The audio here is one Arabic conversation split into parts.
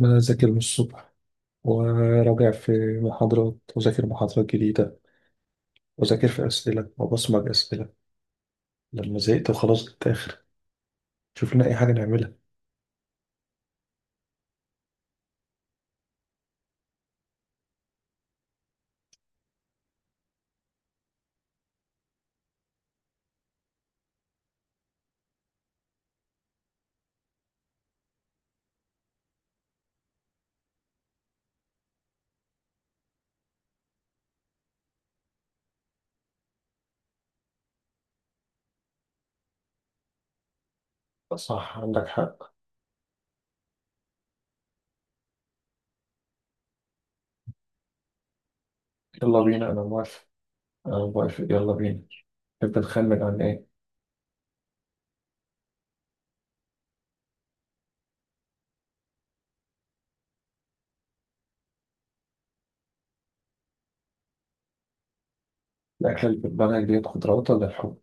إن أنا أذاكر من الصبح وراجع في محاضرات وذاكر محاضرات جديدة وذاكر في أسئلة وبصمج أسئلة. لما زهقت وخلاص الآخر، شوف لنا أي حاجة نعملها. صح، عندك حق. يلا بينا، أنا موافق. أنا موافق يلا بينا. تحب نخمن عن إيه؟ الأكلة اللي في دماغك ديت خضروات ولا لحوم؟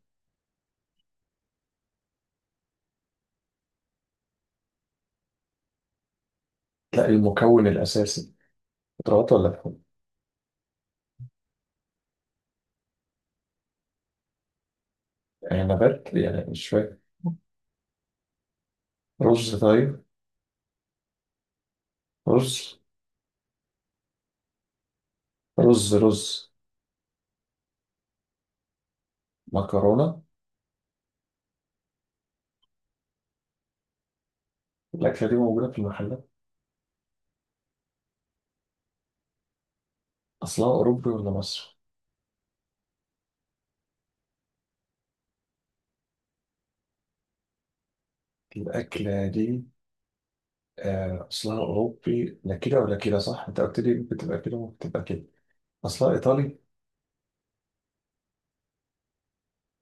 لا، المكون الأساسي خضروات ولا لحوم؟ يعني نبات؟ يعني مش فاهم. رز؟ طيب، رز. رز. مكرونة؟ الأكلة دي موجودة في المحلات. أصلها أوروبي ولا مصري؟ الأكلة دي، أصلها أوروبي، لا كده ولا كده، صح؟ أنت قلت لي بتبقى كده وبتبقى كده. أصلها إيطالي.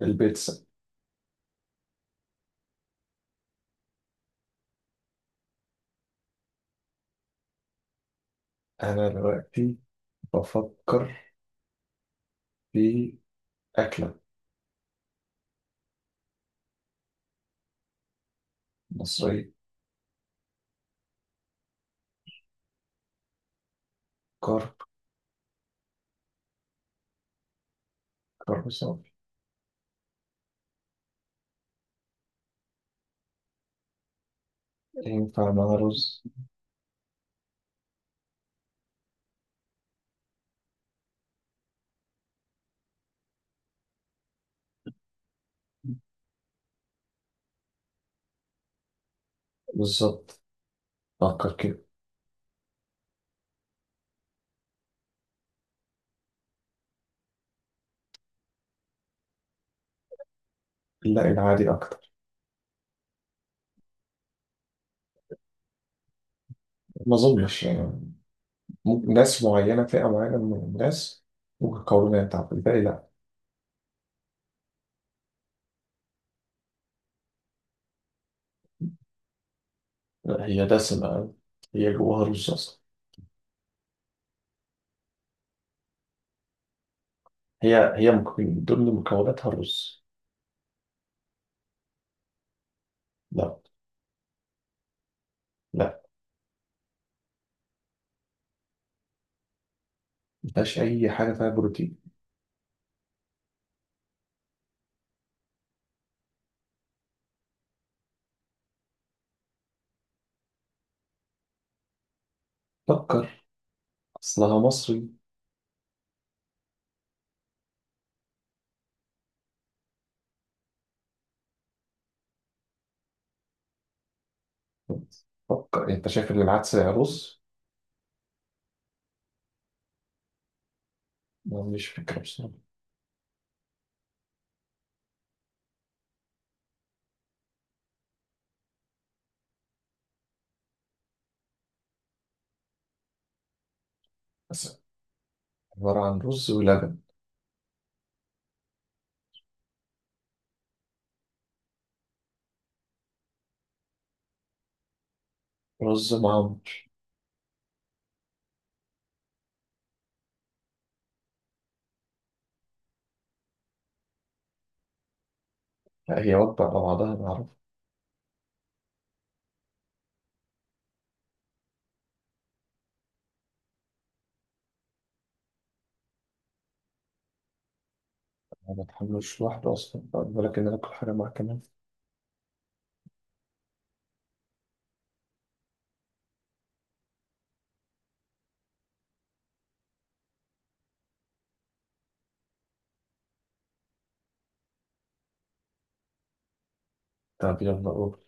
البيتزا. أنا دلوقتي بفكر في أكلة مصرية. كرب. كرب صافي. ينفع مع رز. بالظبط. فكر كده. لا، العادي أكتر. ما أظنش يعني. ممكن ناس معينة، فئة معينة من الناس، ممكن قولونها، تعرف الباقي، لا. لا، هي دسمة. هي جواها رز أصلا. من ضمن مكوناتها الرز. لا. لا، مفيهاش أي حاجة فيها بروتين. فكر. أصلها مصري. فكر، أنت شايف إن العدس رز؟ ما عنديش فكرة بصراحة. بس عبارة عن رز ولبن. رز معمر. لا، هي وجبة على بعضها أنا أعرف. أنا ما بتحملوش لوحده أصلا، بالك إن أنا آكل حاجة معاه كمان. طب يلا قول.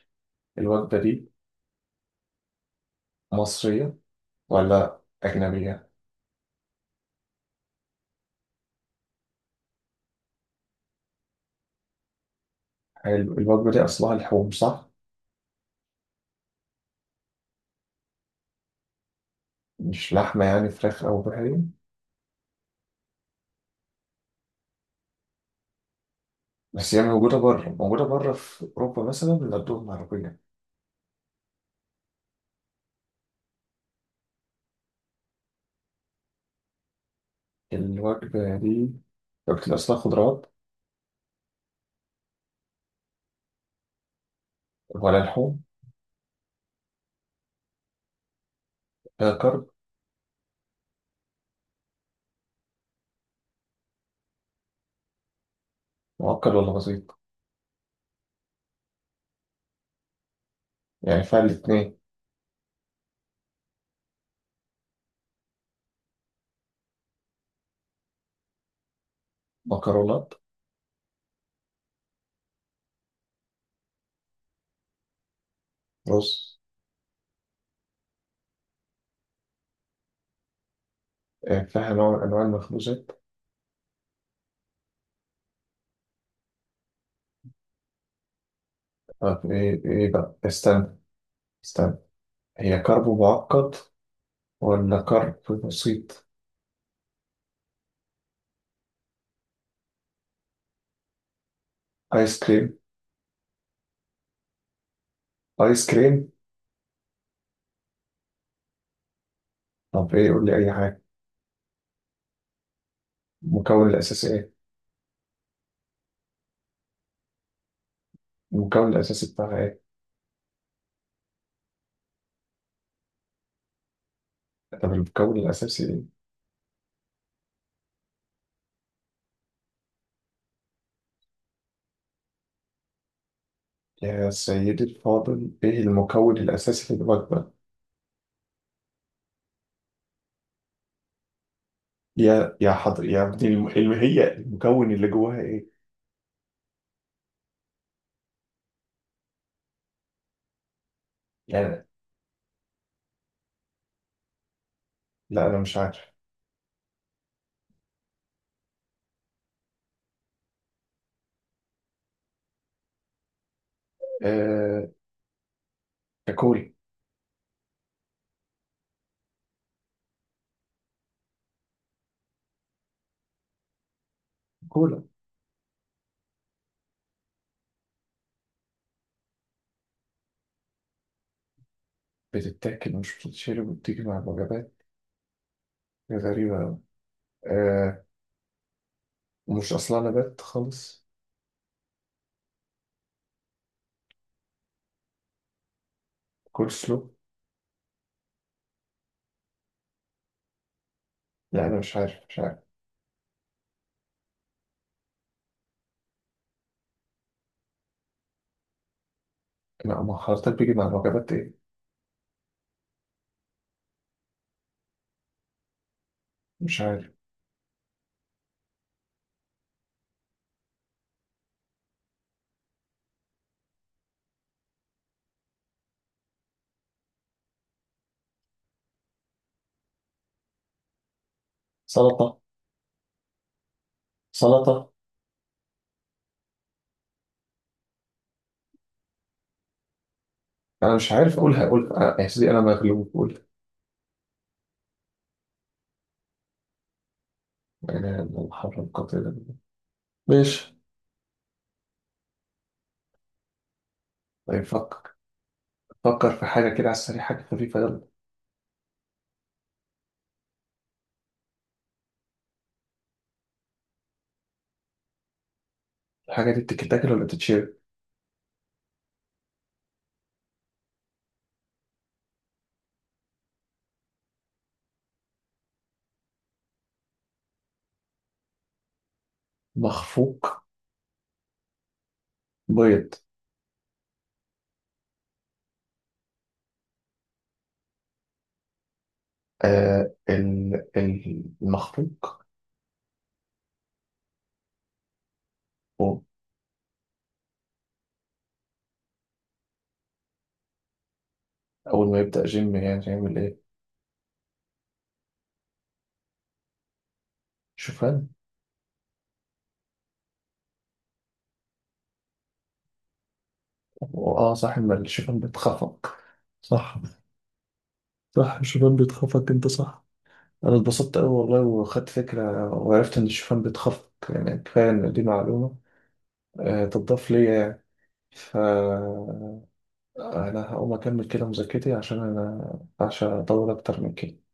الوجبة دي مصرية ولا أجنبية؟ حلو. الوجبة دي أصلها لحوم صح؟ مش لحمة، يعني فراخ أو بحري؟ بس هي موجودة بره، موجودة بره في أوروبا مثلا بيغدوهم عربية. الوجبة دي لو بتبقى أصلها خضروات ولا لحوم. فيها كرب؟ معقد ولا بسيط؟ يعني فيها الاتنين. مكرونات؟ رز؟ فيها نوع من أنواع المخبوزات. طب إيه إيه بقى، استنى، استنى. هي كرب معقد ولا كرب بسيط؟ آيس كريم. آيس كريم. طب إيه، قول لي أي حاجة. المكون الأساسي إيه؟ المكون الأساسي بتاعها إيه؟ طب المكون الأساسي إيه؟ يا سيدي الفاضل، إيه المكون الأساسي في الوجبة؟ يا حضر يا ابني، هي المكون اللي جواها ايه؟ يعني لا، انا مش عارف. آه... كولا. كولا. بتتاكل مش بتتشرب وبتيجي مع الوجبات؟ دي غريبة أوي. آه... ومش اصلا نبات خالص. كول سلو. لا انا مش عارف، مش عارف. لا ما حضرتك بيجي مع الوجبات ايه؟ مش عارف. سلطة. سلطة. انا مش عارف اقولها، اقولها يا سيدي انا مغلوب، قولها. انا الحر القاتل ده. ماشي. طيب فكر. فكر في حاجة كده على السريع، حاجة خفيفة، يلا. الحاجة دي بتتاكل ولا بتتشرب؟ مخفوق. بيض. المخفوق. هو أول ما يبدأ جيم يعني يعمل إيه؟ شوفان. آه صح، ما الشوفان بيتخفق. صح. صح الشوفان بيتخفق، أنت صح. أنا اتبسطت أوي والله، وخدت فكرة وعرفت إن الشوفان بيتخفق، يعني كفاية إن دي معلومة آه تضاف ليا يعني. فأنا هقوم أكمل كده مذاكرتي، عشان أنا عشان أطول أكتر من كده.